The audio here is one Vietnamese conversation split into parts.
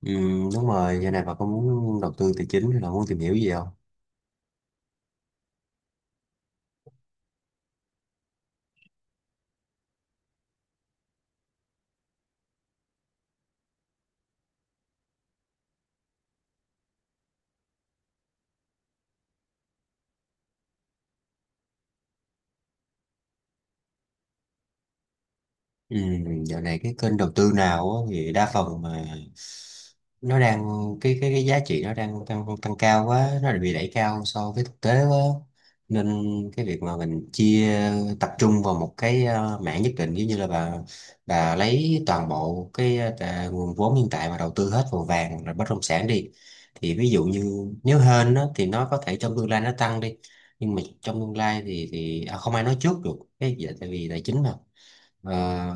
Ừ, đúng rồi, giờ này bà có muốn đầu tư tài chính hay là muốn tìm hiểu gì không? Ừ, dạo này cái kênh đầu tư nào á, thì đa phần mà nó đang cái giá trị nó đang tăng tăng cao quá, nó bị đẩy cao so với thực tế quá, nên cái việc mà mình tập trung vào một cái mảng nhất định, giống như là bà lấy toàn bộ cái nguồn vốn hiện tại mà đầu tư hết vào vàng rồi bất động sản đi, thì ví dụ như nếu hên á, thì nó có thể trong tương lai nó tăng đi, nhưng mà trong tương lai thì không ai nói trước được cái dạ, tại vì tài chính mà. Ờ,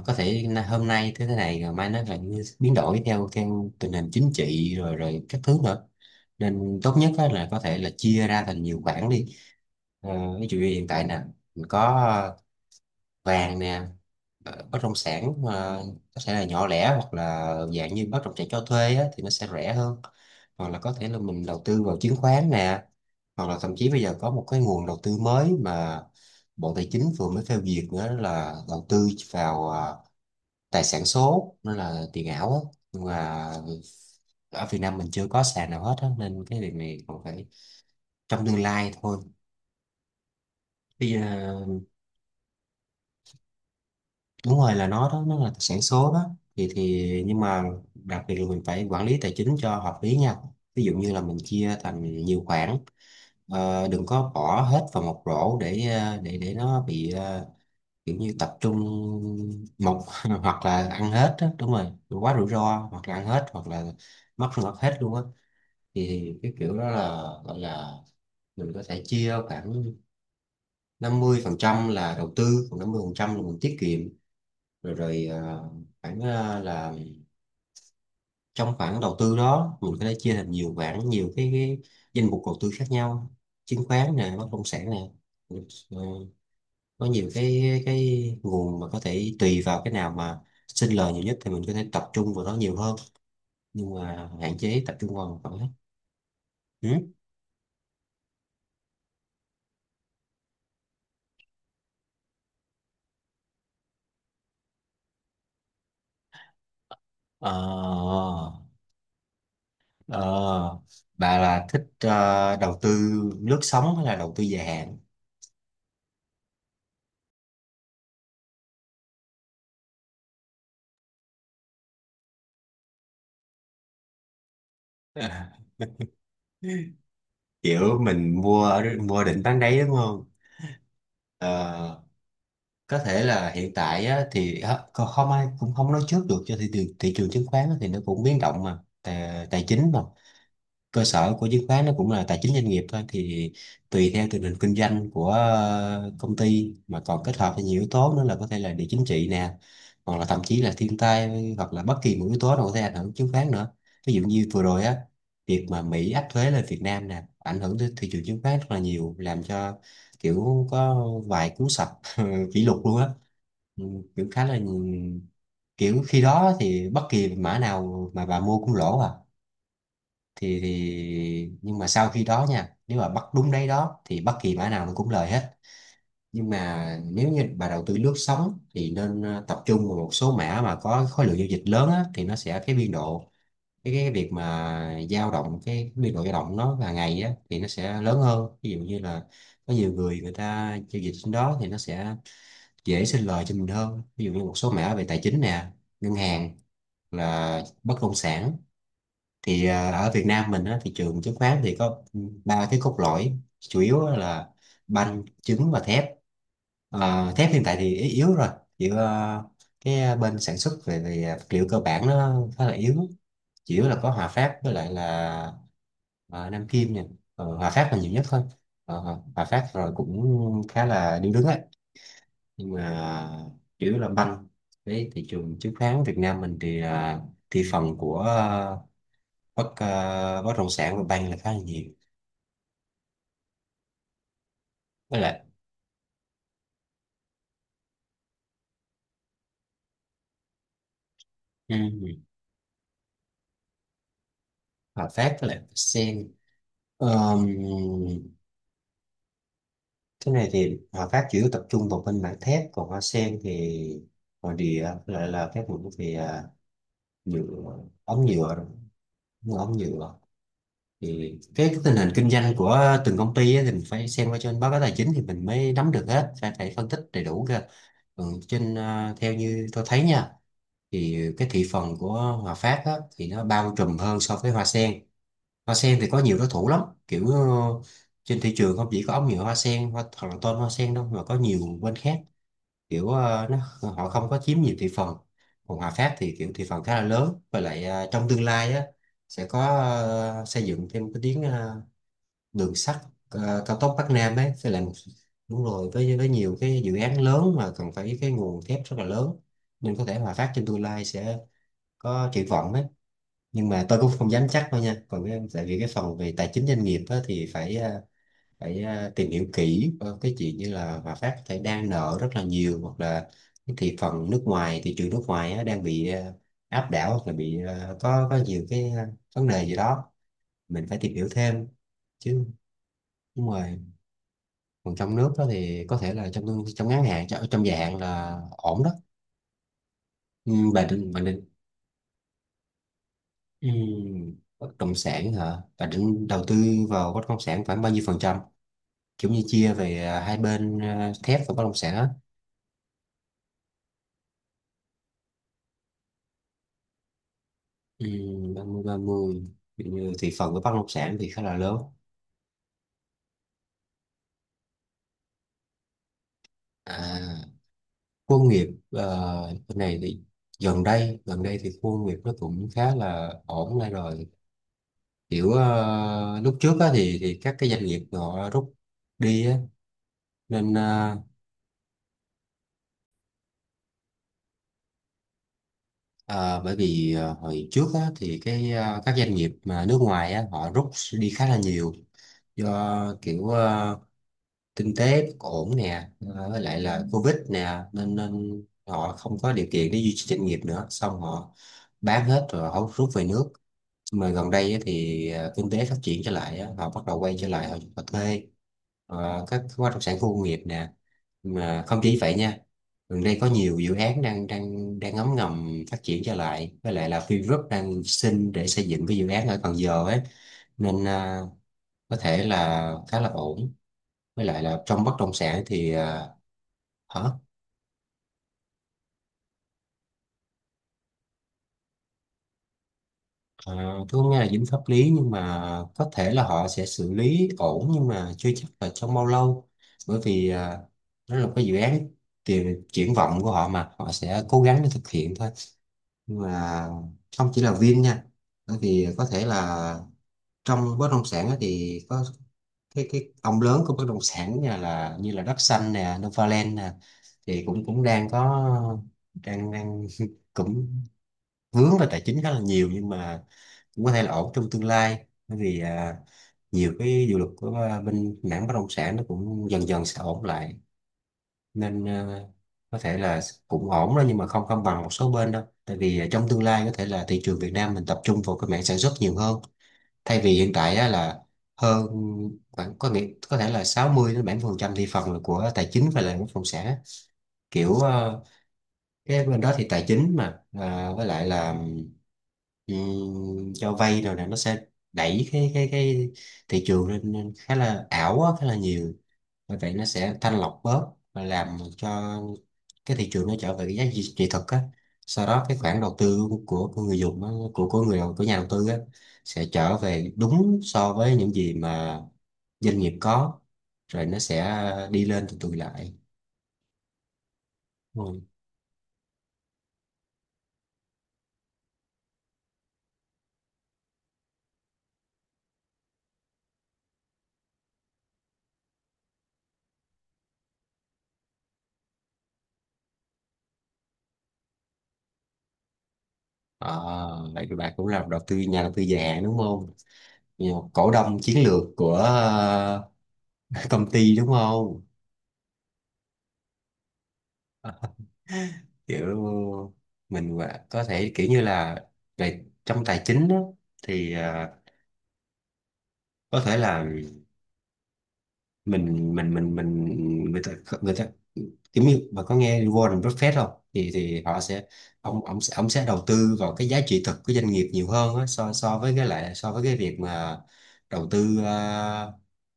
có thể hôm nay thế thế này rồi mai nó lại biến đổi theo theo tình hình chính trị rồi rồi các thứ nữa, nên tốt nhất á là có thể là chia ra thành nhiều khoản đi. Ví dụ như hiện tại nè, mình có ờ, vàng nè, bất động sản mà có thể là nhỏ lẻ hoặc là dạng như bất động sản cho thuê á, thì nó sẽ rẻ hơn, hoặc là có thể là mình đầu tư vào chứng khoán nè, hoặc là thậm chí bây giờ có một cái nguồn đầu tư mới mà Bộ Tài chính vừa mới phê duyệt nữa, là đầu tư vào tài sản số, nó là tiền ảo á, nhưng mà ở Việt Nam mình chưa có sàn nào hết á, nên cái việc này còn phải trong tương lai thôi. Bây giờ đúng rồi, là nó đó, nó là tài sản số đó. Thì nhưng mà đặc biệt là mình phải quản lý tài chính cho hợp lý nha, ví dụ như là mình chia thành nhiều khoản. Đừng có bỏ hết vào một rổ để để nó bị kiểu như tập trung một hoặc là ăn hết á, đúng rồi, quá rủi ro, hoặc là ăn hết hoặc là mất mất hết luôn á, thì cái kiểu đó là gọi là mình có thể chia khoảng 50% là đầu tư, còn 50% là mình tiết kiệm. Rồi rồi khoảng là trong khoản đầu tư đó, mình có thể chia thành nhiều khoản, nhiều cái danh mục đầu tư khác nhau: chứng khoán nè, bất động sản nè. Ờ, có nhiều cái nguồn mà có thể tùy vào cái nào mà sinh lời nhiều nhất thì mình có thể tập trung vào đó nhiều hơn, nhưng mà hạn chế tập trung vào một khoản hết. Ừ? Ờ Ờ, bà là thích đầu tư lướt sóng hay là đầu tư dài hạn? À, Kiểu mình mua đỉnh bán đáy đúng không? Ờ, có thể là hiện tại á, thì á, không không ai cũng không nói trước được cho thị trường. Thị trường chứng khoán á thì nó cũng biến động, mà tài chính mà, cơ sở của chứng khoán nó cũng là tài chính doanh nghiệp thôi, thì tùy theo tình hình kinh doanh của công ty mà còn kết hợp với nhiều yếu tố nữa, là có thể là địa chính trị nè, hoặc là thậm chí là thiên tai, hoặc là bất kỳ một yếu tố nào có thể ảnh hưởng chứng khoán nữa. Ví dụ như vừa rồi á, việc mà Mỹ áp thuế lên Việt Nam nè, ảnh hưởng tới thị trường chứng khoán rất là nhiều, làm cho kiểu có vài cú sập kỷ lục luôn á. Ừ, kiểu khá là kiểu khi đó thì bất kỳ mã nào mà bà mua cũng lỗ à, thì nhưng mà sau khi đó nha, nếu mà bắt đúng đấy đó thì bất kỳ mã nào nó cũng lời hết. Nhưng mà nếu như bà đầu tư lướt sóng thì nên tập trung vào một số mã mà có khối lượng giao dịch lớn á, thì nó sẽ cái biên độ cái việc mà dao động. Cái biên độ dao động nó hàng ngày á thì nó sẽ lớn hơn, ví dụ như là có nhiều người người ta giao dịch trên đó thì nó sẽ dễ sinh lời cho mình hơn, ví dụ như một số mã về tài chính nè, ngân hàng, là bất động sản. Thì ở Việt Nam mình á, thị trường chứng khoán thì có ba cái cốt lõi chủ yếu á, là banh, trứng và thép. Thép hiện tại thì yếu yếu rồi, chỉ cái bên sản xuất về vật liệu cơ bản nó khá là yếu, chủ yếu là có Hòa Phát với lại là ờ, Nam Kim nha. Hòa Phát là nhiều nhất thôi. Hòa Hòa Phát rồi cũng khá là điêu đứng ấy, nhưng mà chủ yếu là banh đấy. Thị trường chứng khoán Việt Nam mình thì thị phần của bất động sản của Bang là khá là nhiều. Với lại ừ, Hòa Phát với lại Sen. Ờm, cái này thì Hòa Phát chủ yếu tập trung vào bên mảng thép, còn Hoa Sen thì ngoài địa với lại là các vùng về nhựa, ống nhựa rồi, mua ống nhựa. Thì cái tình hình kinh doanh của từng công ty á, thì mình phải xem qua trên báo cáo tài chính thì mình mới nắm được hết, phải phải phân tích đầy đủ cơ. Theo như tôi thấy nha, thì cái thị phần của Hòa Phát á, thì nó bao trùm hơn so với Hoa Sen. Hoa Sen thì có nhiều đối thủ lắm, kiểu trên thị trường không chỉ có ống nhựa Hoa Sen hoặc là tôm Hoa Sen đâu, mà có nhiều bên khác, kiểu họ không có chiếm nhiều thị phần. Còn Hòa Phát thì kiểu thị phần khá là lớn, và lại trong tương lai á sẽ có xây dựng thêm cái tuyến đường sắt cao tốc Bắc Nam ấy sẽ làm, đúng rồi, với nhiều cái dự án lớn mà cần phải cái nguồn thép rất là lớn, nên có thể Hòa Phát trên tương lai sẽ có triển vọng ấy. Nhưng mà tôi cũng không dám chắc đâu nha, còn cái, tại vì cái phần về tài chính doanh nghiệp á, thì phải tìm hiểu kỹ cái chuyện như là Hòa Phát có thể đang nợ rất là nhiều, hoặc là cái thị trường nước ngoài á, đang bị áp đảo, hoặc là bị có nhiều cái vấn đề gì đó, mình phải tìm hiểu thêm chứ. Đúng rồi, còn trong nước đó thì có thể là trong trong ngắn hạn, trong dài hạn là ổn đó. ừ, bà định bà định ừ, bất động sản hả, bà định đầu tư vào bất động sản khoảng bao nhiêu phần trăm, kiểu như chia về hai bên thép và bất động sản á? Ừ, 30 30. Ví dụ như thị phần của bất động sản thì khá là lớn. à, khu công nghiệp bên này thì gần đây thì khu công nghiệp nó cũng khá là ổn lại rồi, kiểu lúc trước á, thì các cái doanh nghiệp họ rút đi á, nên ờ, bởi vì hồi trước á, thì cái các doanh nghiệp mà nước ngoài á, họ rút đi khá là nhiều, do kiểu kinh tế bất ổn nè, với lại là Covid nè, nên nên họ không có điều kiện để duy trì doanh nghiệp nữa, xong họ bán hết rồi họ rút về nước. Mà gần đây á thì kinh tế phát triển trở lại á, họ bắt đầu quay trở lại, họ thuê các bất động sản khu công nghiệp nè. Mà không chỉ vậy nha, gần đây có nhiều dự án đang đang đang ngấm ngầm phát triển trở lại, với lại là Vingroup đang xin để xây dựng cái dự án ở Cần Giờ ấy, nên có thể là khá là ổn. Với lại là trong bất động sản thì hả, à, tôi không nghe là dính pháp lý, nhưng mà có thể là họ sẽ xử lý ổn, nhưng mà chưa chắc là trong bao lâu, bởi vì đó là một cái dự án tiền triển vọng của họ mà họ sẽ cố gắng để thực hiện thôi. Nhưng mà không chỉ là Vin nha, bởi vì có thể là trong bất động sản á thì có cái ông lớn của bất động sản nha, là như là Đất Xanh nè, Novaland nè thì cũng cũng đang có, đang đang cũng vướng vào tài chính khá là nhiều, nhưng mà cũng có thể là ổn trong tương lai. Bởi vì nhiều cái dự luật của bên mảng bất động sản nó cũng dần dần sẽ ổn lại, nên có thể là cũng ổn đó, nhưng mà không không bằng một số bên đâu. Tại vì trong tương lai có thể là thị trường Việt Nam mình tập trung vào cái mảng sản xuất nhiều hơn. Thay vì hiện tại á, là hơn khoảng, có nghĩa có thể là 60 đến 70 phần trăm thị phần là của tài chính và là bất động sản, kiểu à, cái bên đó thì tài chính mà với lại là cho vay rồi nè, nó sẽ đẩy cái thị trường lên lên khá là ảo á, khá là nhiều. Bởi vậy nó sẽ thanh lọc bớt và làm cho cái thị trường nó trở về cái giá trị trị thực á, sau đó cái khoản đầu tư của người dùng á, của của nhà đầu tư á sẽ trở về đúng so với những gì mà doanh nghiệp có, rồi nó sẽ đi lên từ từ lại. Ừ. À, vậy thì bà cũng là đầu tư nhà đầu tư già đúng không? Cổ đông chiến lược của công ty đúng không? Kiểu có thể kiểu như là về trong tài chính đó, thì có thể là mình người ta người ta kiểu như, bà có nghe Warren Buffett không? Thì họ sẽ, ông sẽ ông sẽ đầu tư vào cái giá trị thực của doanh nghiệp nhiều hơn á, so so với cái lại so với cái việc mà đầu tư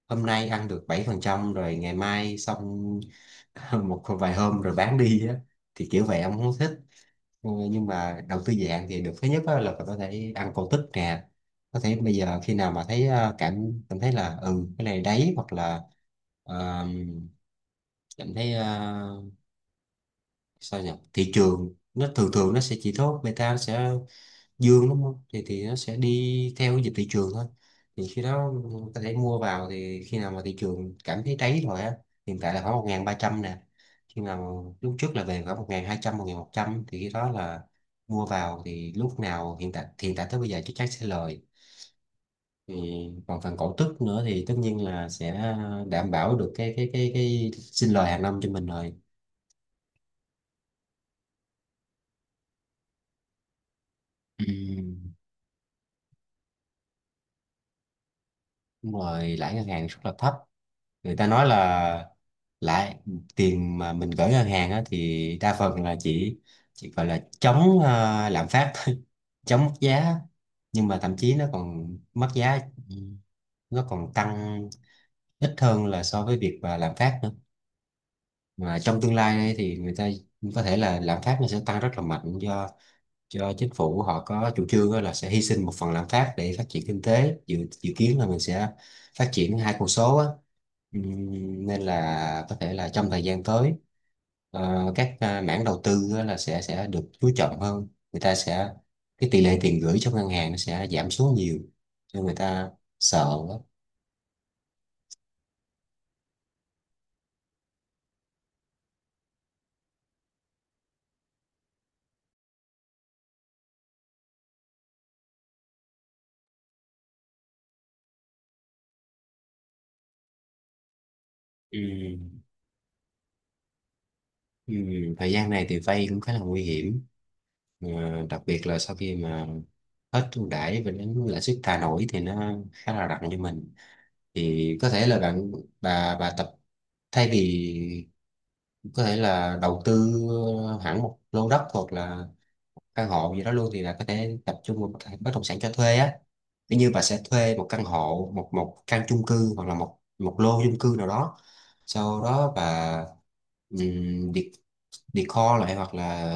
hôm nay ăn được 7% rồi ngày mai xong một vài hôm rồi bán đi á, thì kiểu vậy ông không thích. Ừ, nhưng mà đầu tư dạng thì được, thứ nhất á là có thể ăn cổ tức nè, có thể bây giờ khi nào mà thấy cảm cảm thấy là ừ cái này đấy, hoặc là ờ, cảm thấy sao nhỉ, thị trường nó thường thường nó sẽ chỉ tốt, beta nó sẽ dương đúng không, thì nó sẽ đi theo cái dịch thị trường thôi, thì khi đó ta để mua vào. Thì khi nào mà thị trường cảm thấy đáy rồi á, hiện tại là khoảng 1.300 nè, khi nào lúc trước là về khoảng 1.200, 1.100, thì khi đó là mua vào, thì lúc nào hiện tại tới bây giờ chắc chắn sẽ lời. Thì còn phần cổ tức nữa thì tất nhiên là sẽ đảm bảo được cái sinh lời hàng năm cho mình rồi. Ừ. Đúng rồi, lãi ngân hàng rất là thấp. Người ta nói là lãi tiền mà mình gửi ngân hàng á, thì đa phần là chỉ gọi là chống lạm phát, chống mất giá, nhưng mà thậm chí nó còn mất giá, nó còn tăng ít hơn là so với việc mà lạm phát nữa. Mà trong tương lai đây thì người ta có thể là lạm phát nó sẽ tăng rất là mạnh, do chính phủ họ có chủ trương á là sẽ hy sinh một phần lạm phát để phát triển kinh tế, dự dự kiến là mình sẽ phát triển hai con số á. Nên là có thể là trong thời gian tới, các mảng đầu tư á là sẽ được chú trọng hơn, người ta sẽ, cái tỷ lệ tiền gửi trong ngân hàng nó sẽ giảm xuống nhiều cho người ta sợ á. Ừm, Thời gian này thì vay cũng khá là nguy hiểm. Mà đặc biệt là sau khi mà hết ưu đãi và đến lãi suất thả nổi thì nó khá là nặng cho mình. Thì có thể là bà tập, thay vì có thể là đầu tư hẳn một lô đất hoặc là căn hộ gì đó luôn, thì là có thể tập trung vào bất bất động sản cho thuê á. Ví như bà sẽ thuê một căn hộ, một một căn chung cư, hoặc là một một lô chung cư nào đó, sau đó bà um, decor lại hoặc là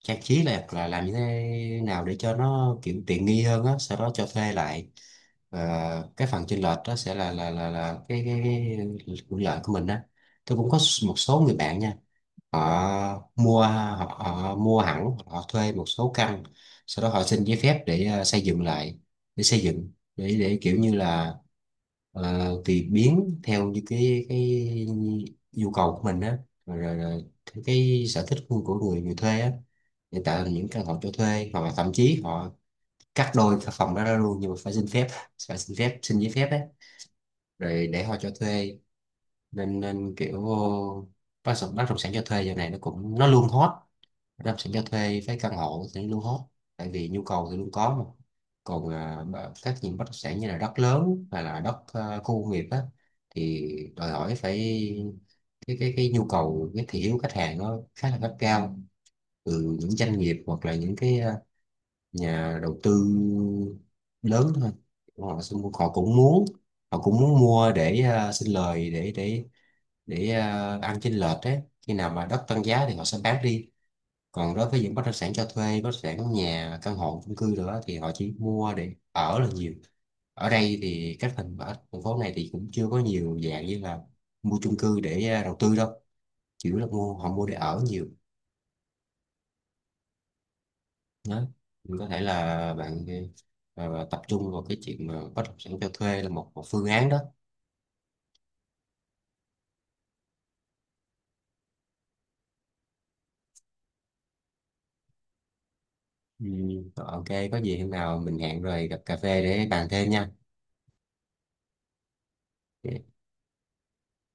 trang trí, là làm như thế nào để cho nó kiểu tiện nghi hơn á, sau đó cho thuê lại. Và cái phần chênh lệch đó sẽ là cái hưởng lợi của mình á. Tôi cũng có một số người bạn nha, họ mua hẳn, họ thuê một số căn, sau đó họ xin giấy phép để xây dựng lại, để xây dựng để kiểu như là tùy biến theo như cái nhu cầu của mình á, rồi theo cái sở thích của người người thuê á. Hiện tại là những căn hộ cho thuê, hoặc là thậm chí họ cắt đôi cái phòng đó ra luôn, nhưng mà phải xin phép, phải xin phép xin giấy phép đấy, rồi để họ cho thuê. Nên nên kiểu bất động sản cho thuê giờ này nó cũng nó luôn hot. Bất động sản cho thuê với căn hộ thì nó luôn hot, tại vì nhu cầu thì luôn có mà. Còn những bất động sản như là đất lớn hay là đất khu công nghiệp á, thì đòi hỏi phải, cái nhu cầu cái thị hiếu khách hàng nó khá là gắt gao từ những doanh nghiệp hoặc là những cái nhà đầu tư lớn thôi. Họ cũng muốn, họ cũng muốn mua để xin lời, để ăn chênh lệch đấy, khi nào mà đất tăng giá thì họ sẽ bán đi. Còn đối với những bất động sản cho thuê, bất động sản nhà căn hộ chung cư nữa, thì họ chỉ mua để ở là nhiều. Ở đây thì các thành ở thành phố này thì cũng chưa có nhiều dạng như là mua chung cư để đầu tư đâu, chỉ là họ mua để ở nhiều. Đó. Mình có thể là bạn tập trung vào cái chuyện mà bất động sản cho thuê là một phương án đó. Ừ. Rồi, OK, có gì hôm nào mình hẹn rồi gặp cà phê để bàn thêm nha.